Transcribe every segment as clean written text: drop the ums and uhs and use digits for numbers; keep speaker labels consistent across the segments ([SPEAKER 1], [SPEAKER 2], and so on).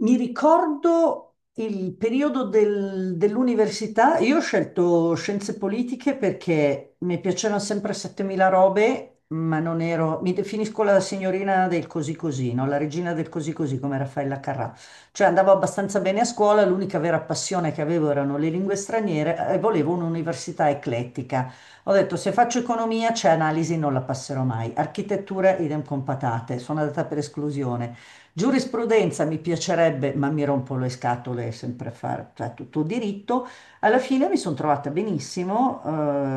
[SPEAKER 1] Mi ricordo il periodo dell'università, io ho scelto scienze politiche perché mi piacevano sempre 7000 robe, ma non ero, mi definisco la signorina del così così, no? La regina del così così come Raffaella Carrà. Cioè andavo abbastanza bene a scuola, l'unica vera passione che avevo erano le lingue straniere, e volevo un'università eclettica. Ho detto se faccio economia c'è analisi, non la passerò mai. Architettura idem con patate, sono andata per esclusione. Giurisprudenza mi piacerebbe, ma mi rompo le scatole sempre a fare cioè, tutto diritto. Alla fine mi sono trovata benissimo,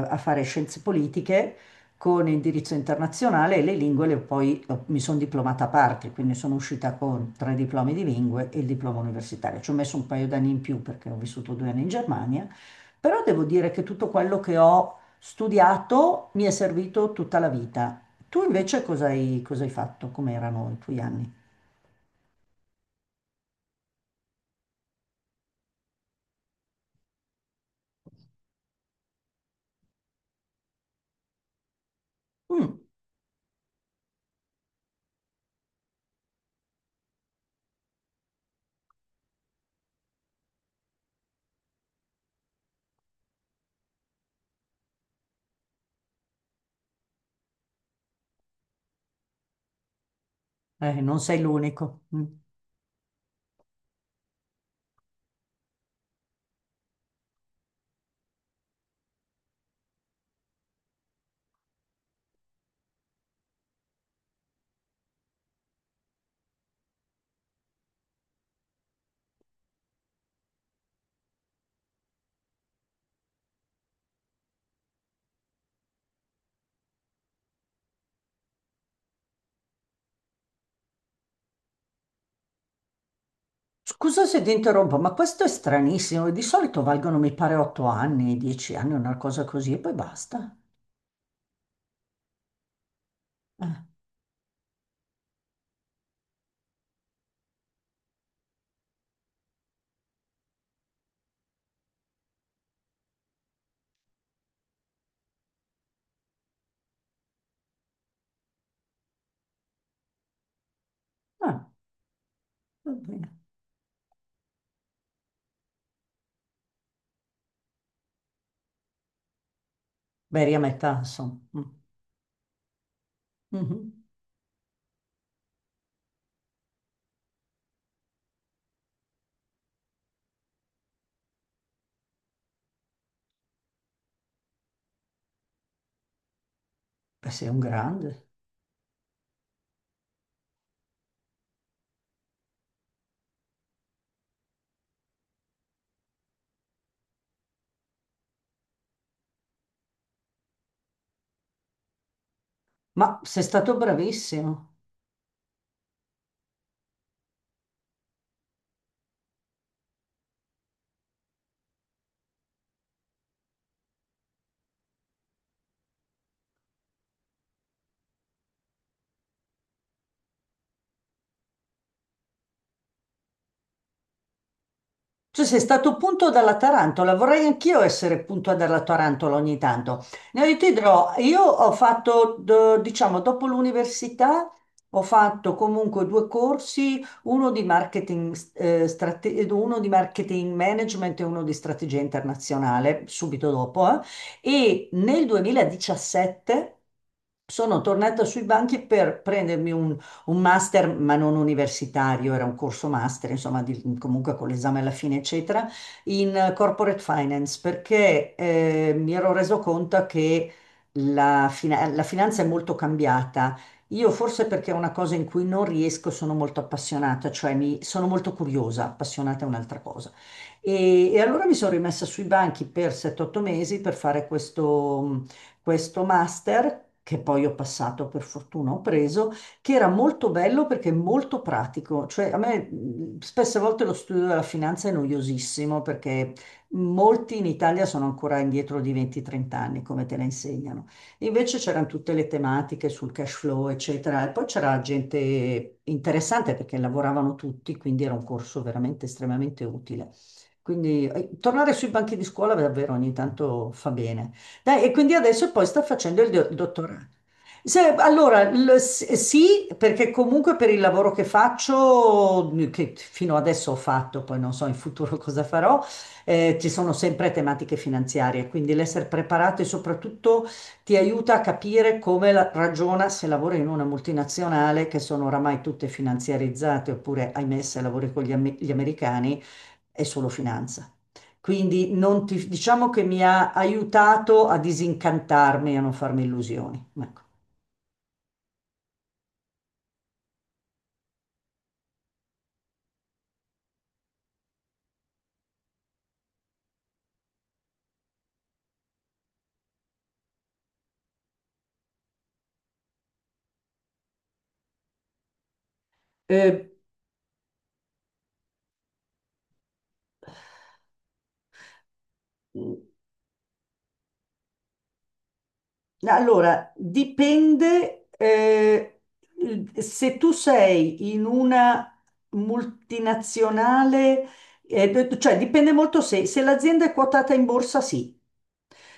[SPEAKER 1] a fare scienze politiche con indirizzo internazionale e le lingue le ho poi, mi sono diplomata a parte, quindi sono uscita con tre diplomi di lingue e il diploma universitario. Ci ho messo un paio d'anni in più perché ho vissuto 2 anni in Germania, però devo dire che tutto quello che ho studiato mi è servito tutta la vita. Tu invece cosa hai fatto? Come erano i tuoi anni? Mm. Non sei l'unico. Mm. Scusa se ti interrompo, ma questo è stranissimo. Di solito valgono, mi pare, 8 anni, 10 anni, una cosa così, e poi basta. Eh, ah, va bene. Beh, a metà, insomma. Mm. Mhm. Beh, sei un grande. Ma sei stato bravissimo. Tu sei stato punto dalla tarantola, vorrei anch'io essere punto dalla tarantola ogni tanto. No, io ti dirò, io ho fatto, diciamo, dopo l'università, ho fatto comunque due corsi, uno di marketing, uno di marketing management e uno di strategia internazionale, subito dopo. E nel 2017 sono tornata sui banchi per prendermi un master, ma non universitario, era un corso master, insomma, comunque con l'esame alla fine, eccetera, in corporate finance, perché mi ero reso conto che la finanza è molto cambiata. Io forse perché è una cosa in cui non riesco, sono molto appassionata, cioè, sono molto curiosa, appassionata è un'altra cosa. E allora mi sono rimessa sui banchi per 7-8 mesi per fare questo master, che poi ho passato, per fortuna ho preso, che era molto bello perché molto pratico. Cioè, a me, spesse volte lo studio della finanza è noiosissimo perché molti in Italia sono ancora indietro di 20-30 anni, come te la insegnano. Invece c'erano tutte le tematiche sul cash flow, eccetera. E poi c'era gente interessante perché lavoravano tutti, quindi era un corso veramente estremamente utile. Quindi tornare sui banchi di scuola davvero ogni tanto fa bene. Dai, e quindi adesso poi sta facendo il dottorato. Allora, sì, perché comunque per il lavoro che faccio, che fino adesso ho fatto, poi non so in futuro cosa farò, ci sono sempre tematiche finanziarie, quindi l'essere preparati soprattutto ti aiuta a capire come ragiona se lavori in una multinazionale che sono oramai tutte finanziarizzate, oppure, ahimè, se lavori con gli americani è solo finanza. Quindi non ti- diciamo che mi ha aiutato a disincantarmi e a non farmi illusioni. Ecco. Eh, allora, dipende, se tu sei in una multinazionale, cioè dipende molto se l'azienda è quotata in borsa, sì.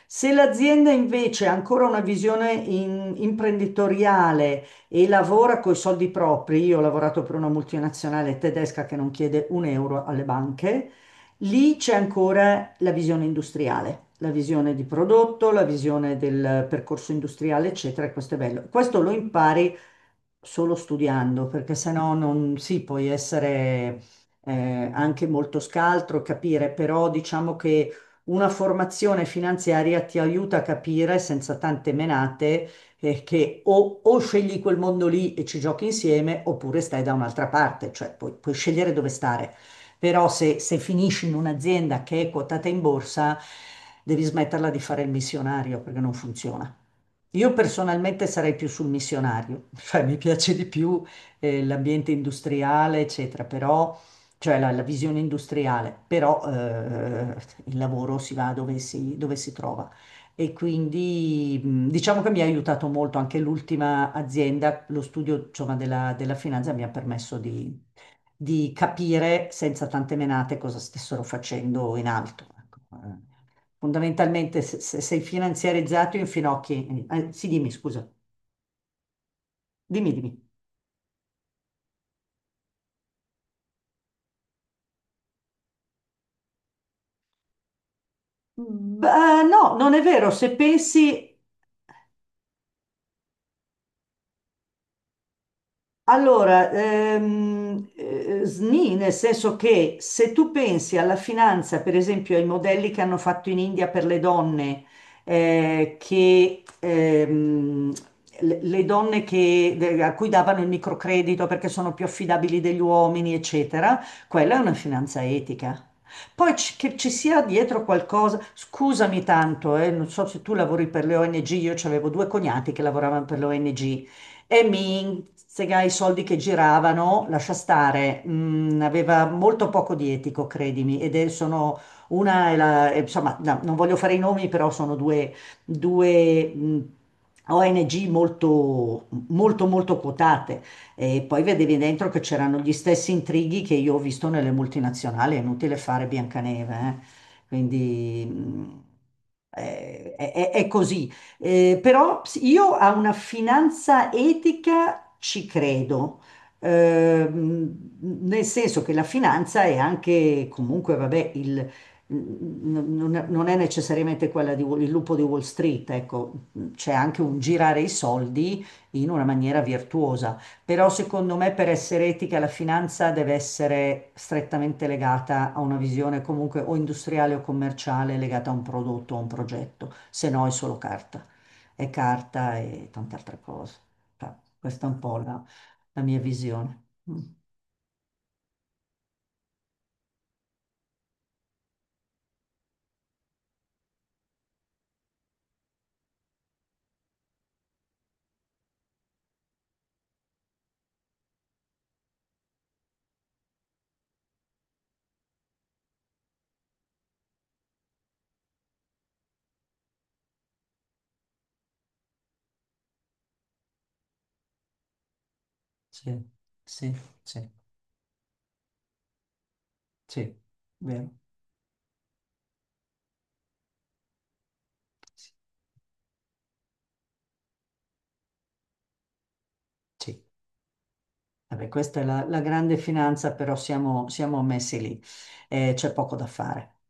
[SPEAKER 1] Se l'azienda invece ha ancora una visione imprenditoriale e lavora con i soldi propri, io ho lavorato per una multinazionale tedesca che non chiede un euro alle banche. Lì c'è ancora la visione industriale, la visione di prodotto, la visione del percorso industriale, eccetera, e questo è bello. Questo lo impari solo studiando, perché sennò non si puoi essere eh, anche molto scaltro, capire, però diciamo che una formazione finanziaria ti aiuta a capire senza tante menate che o scegli quel mondo lì e ci giochi insieme, oppure stai da un'altra parte, cioè puoi scegliere dove stare però se finisci in un'azienda che è quotata in borsa, devi smetterla di fare il missionario perché non funziona. Io personalmente sarei più sul missionario, cioè mi piace di più l'ambiente industriale, eccetera, però, cioè la visione industriale, però, il lavoro si va dove si trova. E quindi diciamo che mi ha aiutato molto anche l'ultima azienda, lo studio, insomma, della finanza mi ha permesso di capire senza tante menate cosa stessero facendo in alto. Ecco. Eh, Fondamentalmente, se sei finanziarizzato in finocchi, sì, dimmi, scusa, dimmi, dimmi. Beh, no, non è vero, se pensi Allora, SNI, nel senso che se tu pensi alla finanza, per esempio ai modelli che hanno fatto in India per le donne, eh, che, ehm, le donne a cui davano il microcredito perché sono più affidabili degli uomini, eccetera, quella è una finanza etica. Poi che ci sia dietro qualcosa, scusami tanto, non so se tu lavori per le ONG, io avevo due cognati che lavoravano per le ONG e mi sega i soldi che giravano, lascia stare, aveva molto poco di etico, credimi, ed è, sono una, è la- è- insomma, no, non voglio fare i nomi, però sono due, ONG molto, molto, molto quotate. E poi vedevi dentro che c'erano gli stessi intrighi che io ho visto nelle multinazionali, è inutile fare Biancaneve, eh. Quindi, è così, però io a una finanza etica ci credo, Ehm, nel senso che la finanza è anche comunque, vabbè, il, n- non non è necessariamente quella di, il lupo di Wall Street, ecco, c'è anche un girare i soldi in una maniera virtuosa, però secondo me per essere etica la finanza deve essere strettamente legata a una visione comunque o industriale o commerciale legata a un prodotto o a un progetto, se no è solo carta e carta e tante altre cose. Cioè, questa è un po' la mia visione. Mm, sì, sì, sì, sì, vero. Sì. Sì. Vabbè, questa è la grande finanza, però siamo messi lì e c'è poco da fare.